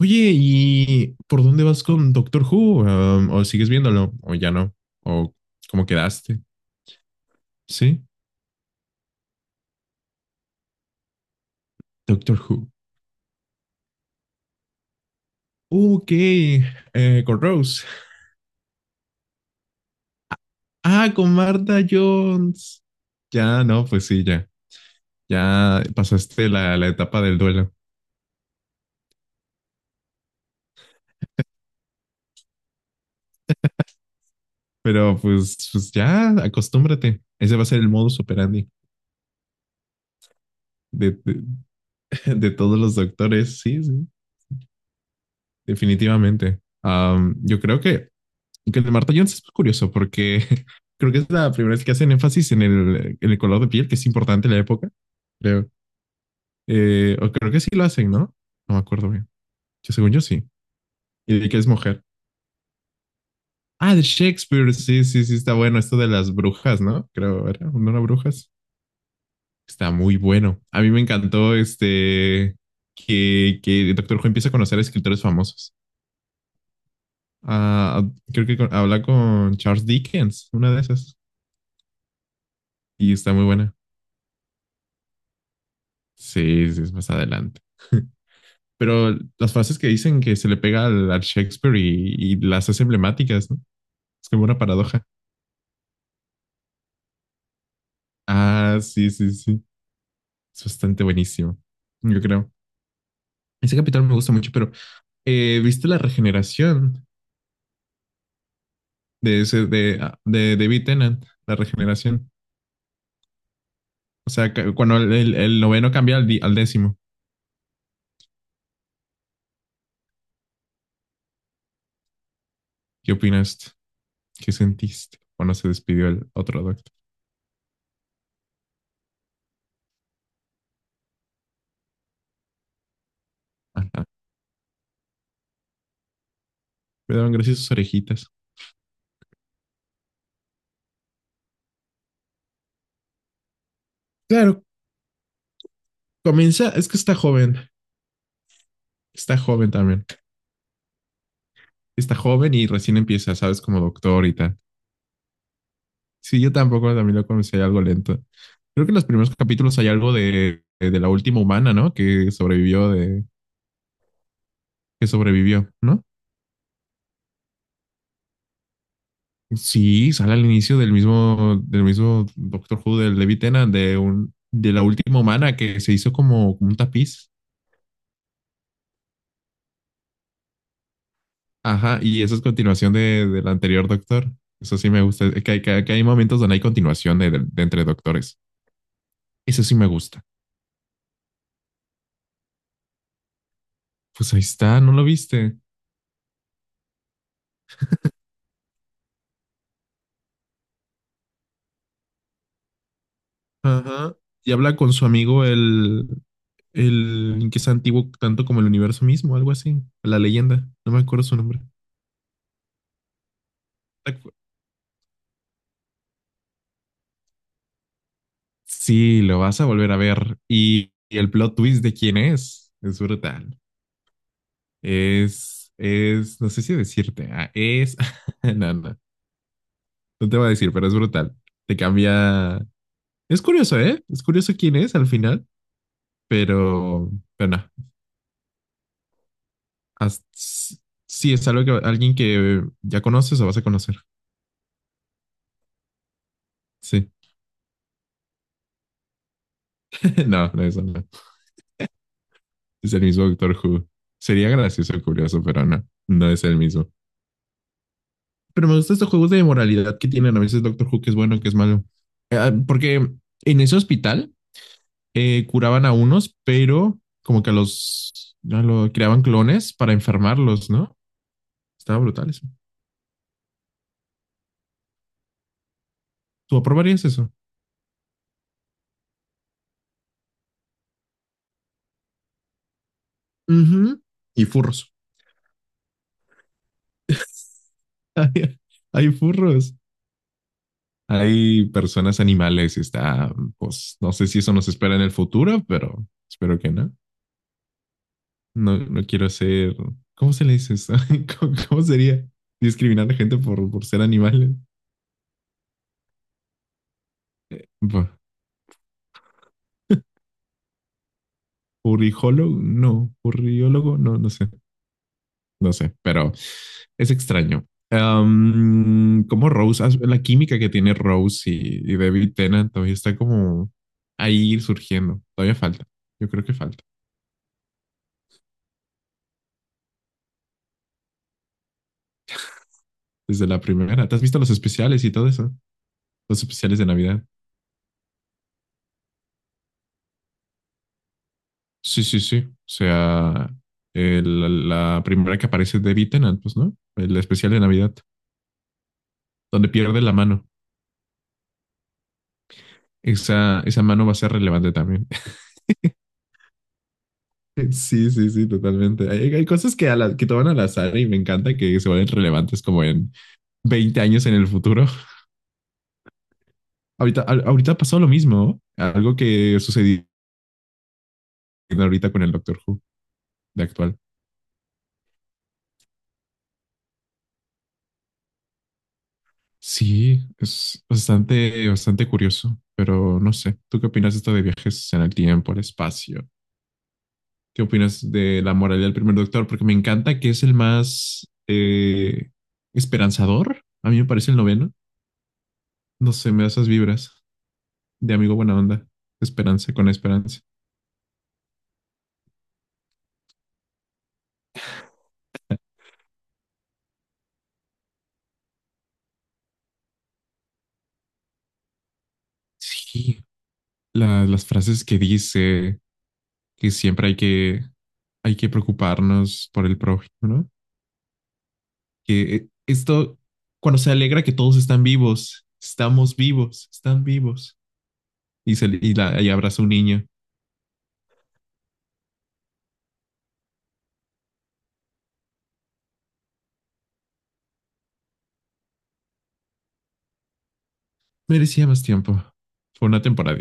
Oye, ¿y por dónde vas con Doctor Who? ¿O sigues viéndolo? ¿O ya no? ¿O cómo quedaste? ¿Sí? Doctor Who. Ok, con Rose. Ah, con Martha Jones. Ya, no, pues sí, ya. Ya pasaste la etapa del duelo. Pero pues ya, acostúmbrate. Ese va a ser el modus operandi de, de, de todos los doctores. Sí, sí, definitivamente. Yo creo que el de Marta Jones es curioso porque creo que es la primera vez que hacen énfasis en el color de piel, que es importante en la época, creo. O creo que sí lo hacen, ¿no? No me acuerdo bien. Yo, según yo, sí. Y de que es mujer. Ah, de Shakespeare. Sí, sí, sí, está bueno. Esto de las brujas, ¿no? Creo, ¿verdad? ¿No las brujas? Está muy bueno. A mí me encantó este que el Doctor Who empieza a conocer a escritores famosos. Ah, creo que habla con Charles Dickens, una de esas. Y está muy buena. Sí, sí, es más adelante. Pero las frases que dicen que se le pega al Shakespeare y las hace emblemáticas, ¿no? Es como una paradoja. Ah, sí, sí, sí. Es bastante buenísimo, yo creo. Ese capítulo me gusta mucho, pero ¿viste la regeneración de ese, de David Tennant? La regeneración. O sea, que cuando el noveno cambia al décimo, ¿qué opinas? ¿Qué sentiste cuando se despidió el otro doctor? Ajá. Me daban gracias sus orejitas. Claro, comienza, es que está joven. Está joven también. Está joven y recién empieza, ¿sabes? Como doctor y tal. Sí, yo tampoco también lo conocí algo lento. Creo que en los primeros capítulos hay algo de la última humana, ¿no? Que que sobrevivió, ¿no? Sí, sale al inicio del mismo Doctor Who del David Tennant, de la última humana que se hizo como, como un tapiz. Ajá, y eso es continuación de, del anterior Doctor. Eso sí me gusta. Que, hay momentos donde hay continuación de entre doctores. Eso sí me gusta. Pues ahí está, ¿no lo viste? Ajá. Y habla con su amigo el que es antiguo tanto como el universo mismo, algo así. La leyenda. No me acuerdo su nombre. ¿Te acu- Sí, lo vas a volver a ver. Y el plot twist de quién es. Es brutal. No sé si decirte. No, no, no te voy a decir, pero es brutal. Te cambia. Es curioso, ¿eh? Es curioso quién es al final, pero, pero no. Haz- sí, es algo que alguien que ya conoces o vas a conocer. Sí. No, no es, no. Es el mismo Doctor Who. Sería gracioso y curioso, pero no, no es el mismo. Pero me gustan estos juegos de moralidad que tienen a veces Doctor Who, que es bueno, que es malo. Porque en ese hospital curaban a unos, pero como que a los ya lo, creaban clones para enfermarlos, ¿no? Estaba brutal eso. ¿Tú aprobarías eso? Ujú. Y furros. Hay, hay furros. Hay personas animales. Y está, pues, no sé si eso nos espera en el futuro, pero espero que no. No, no quiero ser. ¿Cómo se le dice eso? ¿Cómo sería? ¿Discriminar a gente por ser animales? Buah. ¿Purijólogo? No. ¿Puriólogo? No, no sé. No sé, pero es extraño. Como Rose, la química que tiene Rose y David Tennant todavía está como ahí surgiendo. Todavía falta. Yo creo que falta. Desde la primera. ¿Te has visto los especiales y todo eso? Los especiales de Navidad. Sí, sí, sí. O sea, la primera que aparece es David Tennant, pues, ¿no? El especial de Navidad, donde pierde la mano. Esa mano va a ser relevante también. Sí, sí, sí, totalmente. Hay cosas que toman al azar y me encanta que se vuelven relevantes como en 20 años en el futuro. Ahorita, ahorita pasó lo mismo, algo que sucedió ahorita con el Doctor Who de actual. Sí, es bastante, bastante curioso, pero no sé. ¿Tú qué opinas de esto de viajes en el tiempo, el espacio? ¿Qué opinas de la moralidad del primer doctor? Porque me encanta que es el más esperanzador. A mí me parece el noveno. No sé, me da esas vibras de amigo buena onda. Esperanza con esperanza. Sí, las frases que dice que siempre hay que preocuparnos por el prójimo, ¿no? Que esto, cuando se alegra que todos están vivos, estamos vivos, están vivos. Y abraza a un niño. Merecía más tiempo. Fue una temporada.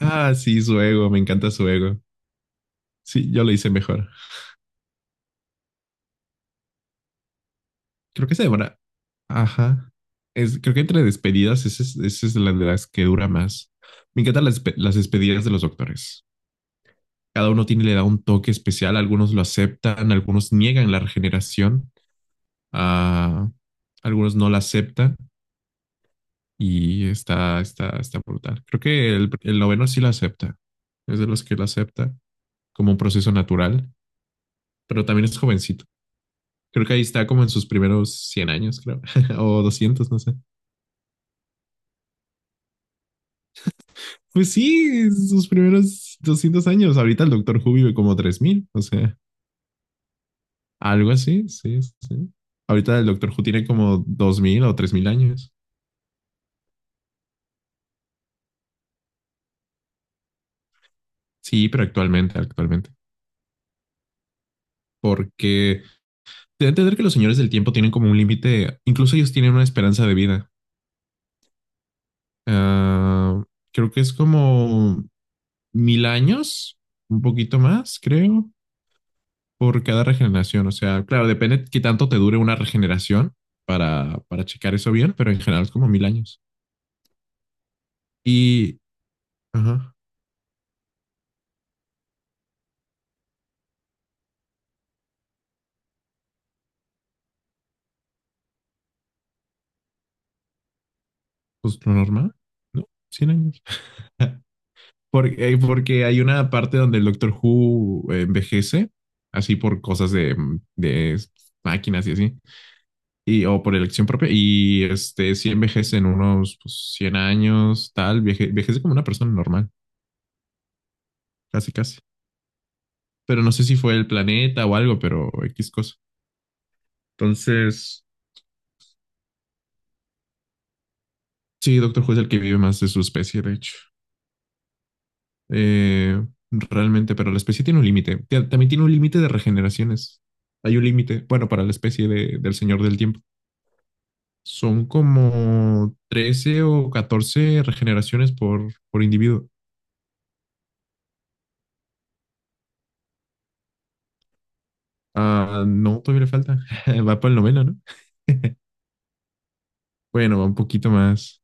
Ah, sí, su ego, me encanta su ego. Sí, yo lo hice mejor. Creo que se demora. Ajá. Creo que entre despedidas, esa es la de las que dura más. Me encantan las despedidas de los doctores. Cada uno tiene, le da un toque especial. Algunos lo aceptan, algunos niegan la regeneración, ah, algunos no la aceptan y está brutal. Creo que el noveno sí la acepta. Es de los que la acepta como un proceso natural, pero también es jovencito. Creo que ahí está como en sus primeros 100 años, creo, o 200 no sé. Pues sí, sus primeros 200 años. Ahorita el Doctor Who vive como 3000 o sea, algo así, sí, sí, sí. Ahorita el Doctor Who tiene como 2000 o 3000 años. Sí, pero actualmente, actualmente. Porque debe entender que los señores del tiempo tienen como un límite, incluso ellos tienen una esperanza de vida. Ah, creo que es como 1000 años, un poquito más, creo. Por cada regeneración. O sea, claro, depende qué tanto te dure una regeneración para checar eso bien, pero en general es como 1000 años. Y, ajá, pues lo normal, ¿no? 100 años. Porque, porque hay una parte donde el Doctor Who envejece, así por cosas de máquinas y así, o por elección propia, y si envejece en unos pues, 100 años, tal, envejece como una persona normal, casi, casi. Pero no sé si fue el planeta o algo, pero X cosa. Entonces, sí, Doctor Who es el que vive más de su especie, de hecho. Eh, Realmente, pero la especie tiene un límite. También tiene un límite de regeneraciones. Hay un límite, bueno, para la especie del Señor del Tiempo. Son como 13 o 14 regeneraciones por individuo. Ah, no, todavía le falta. Va para el noveno, ¿no? Bueno, va un poquito más.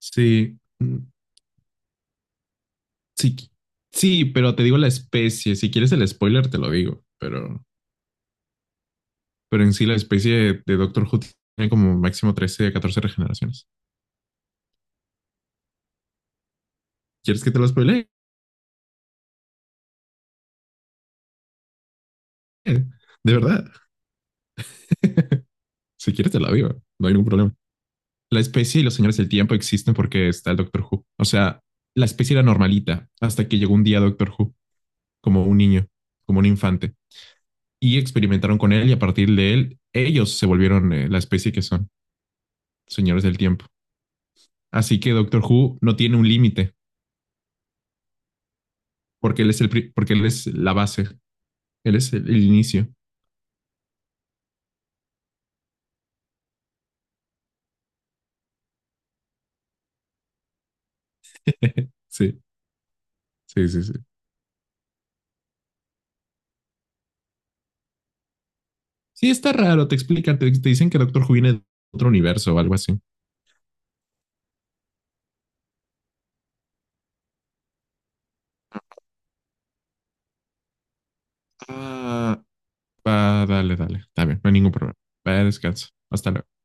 Sí, mm, sí, sí, pero te digo la especie. Si quieres el spoiler, te lo digo, pero en sí la especie de Doctor Who tiene como máximo 13 a 14 regeneraciones. ¿Quieres que te lo spoile? De verdad. Si quieres te la vivo, no hay ningún problema. La especie y los señores del tiempo existen porque está el Doctor Who. O sea, la especie era normalita hasta que llegó un día Doctor Who, como un niño, como un infante, y experimentaron con él y a partir de él ellos se volvieron la especie que son, señores del tiempo. Así que Doctor Who no tiene un límite porque él es la base, él es el inicio. Sí. Sí, sí, sí. Sí, está raro, te explican, te dicen que Doctor Who viene de otro universo o algo así. Ah, Ah, dale, dale, está bien, no hay ningún problema. Vaya, descansa. Hasta luego.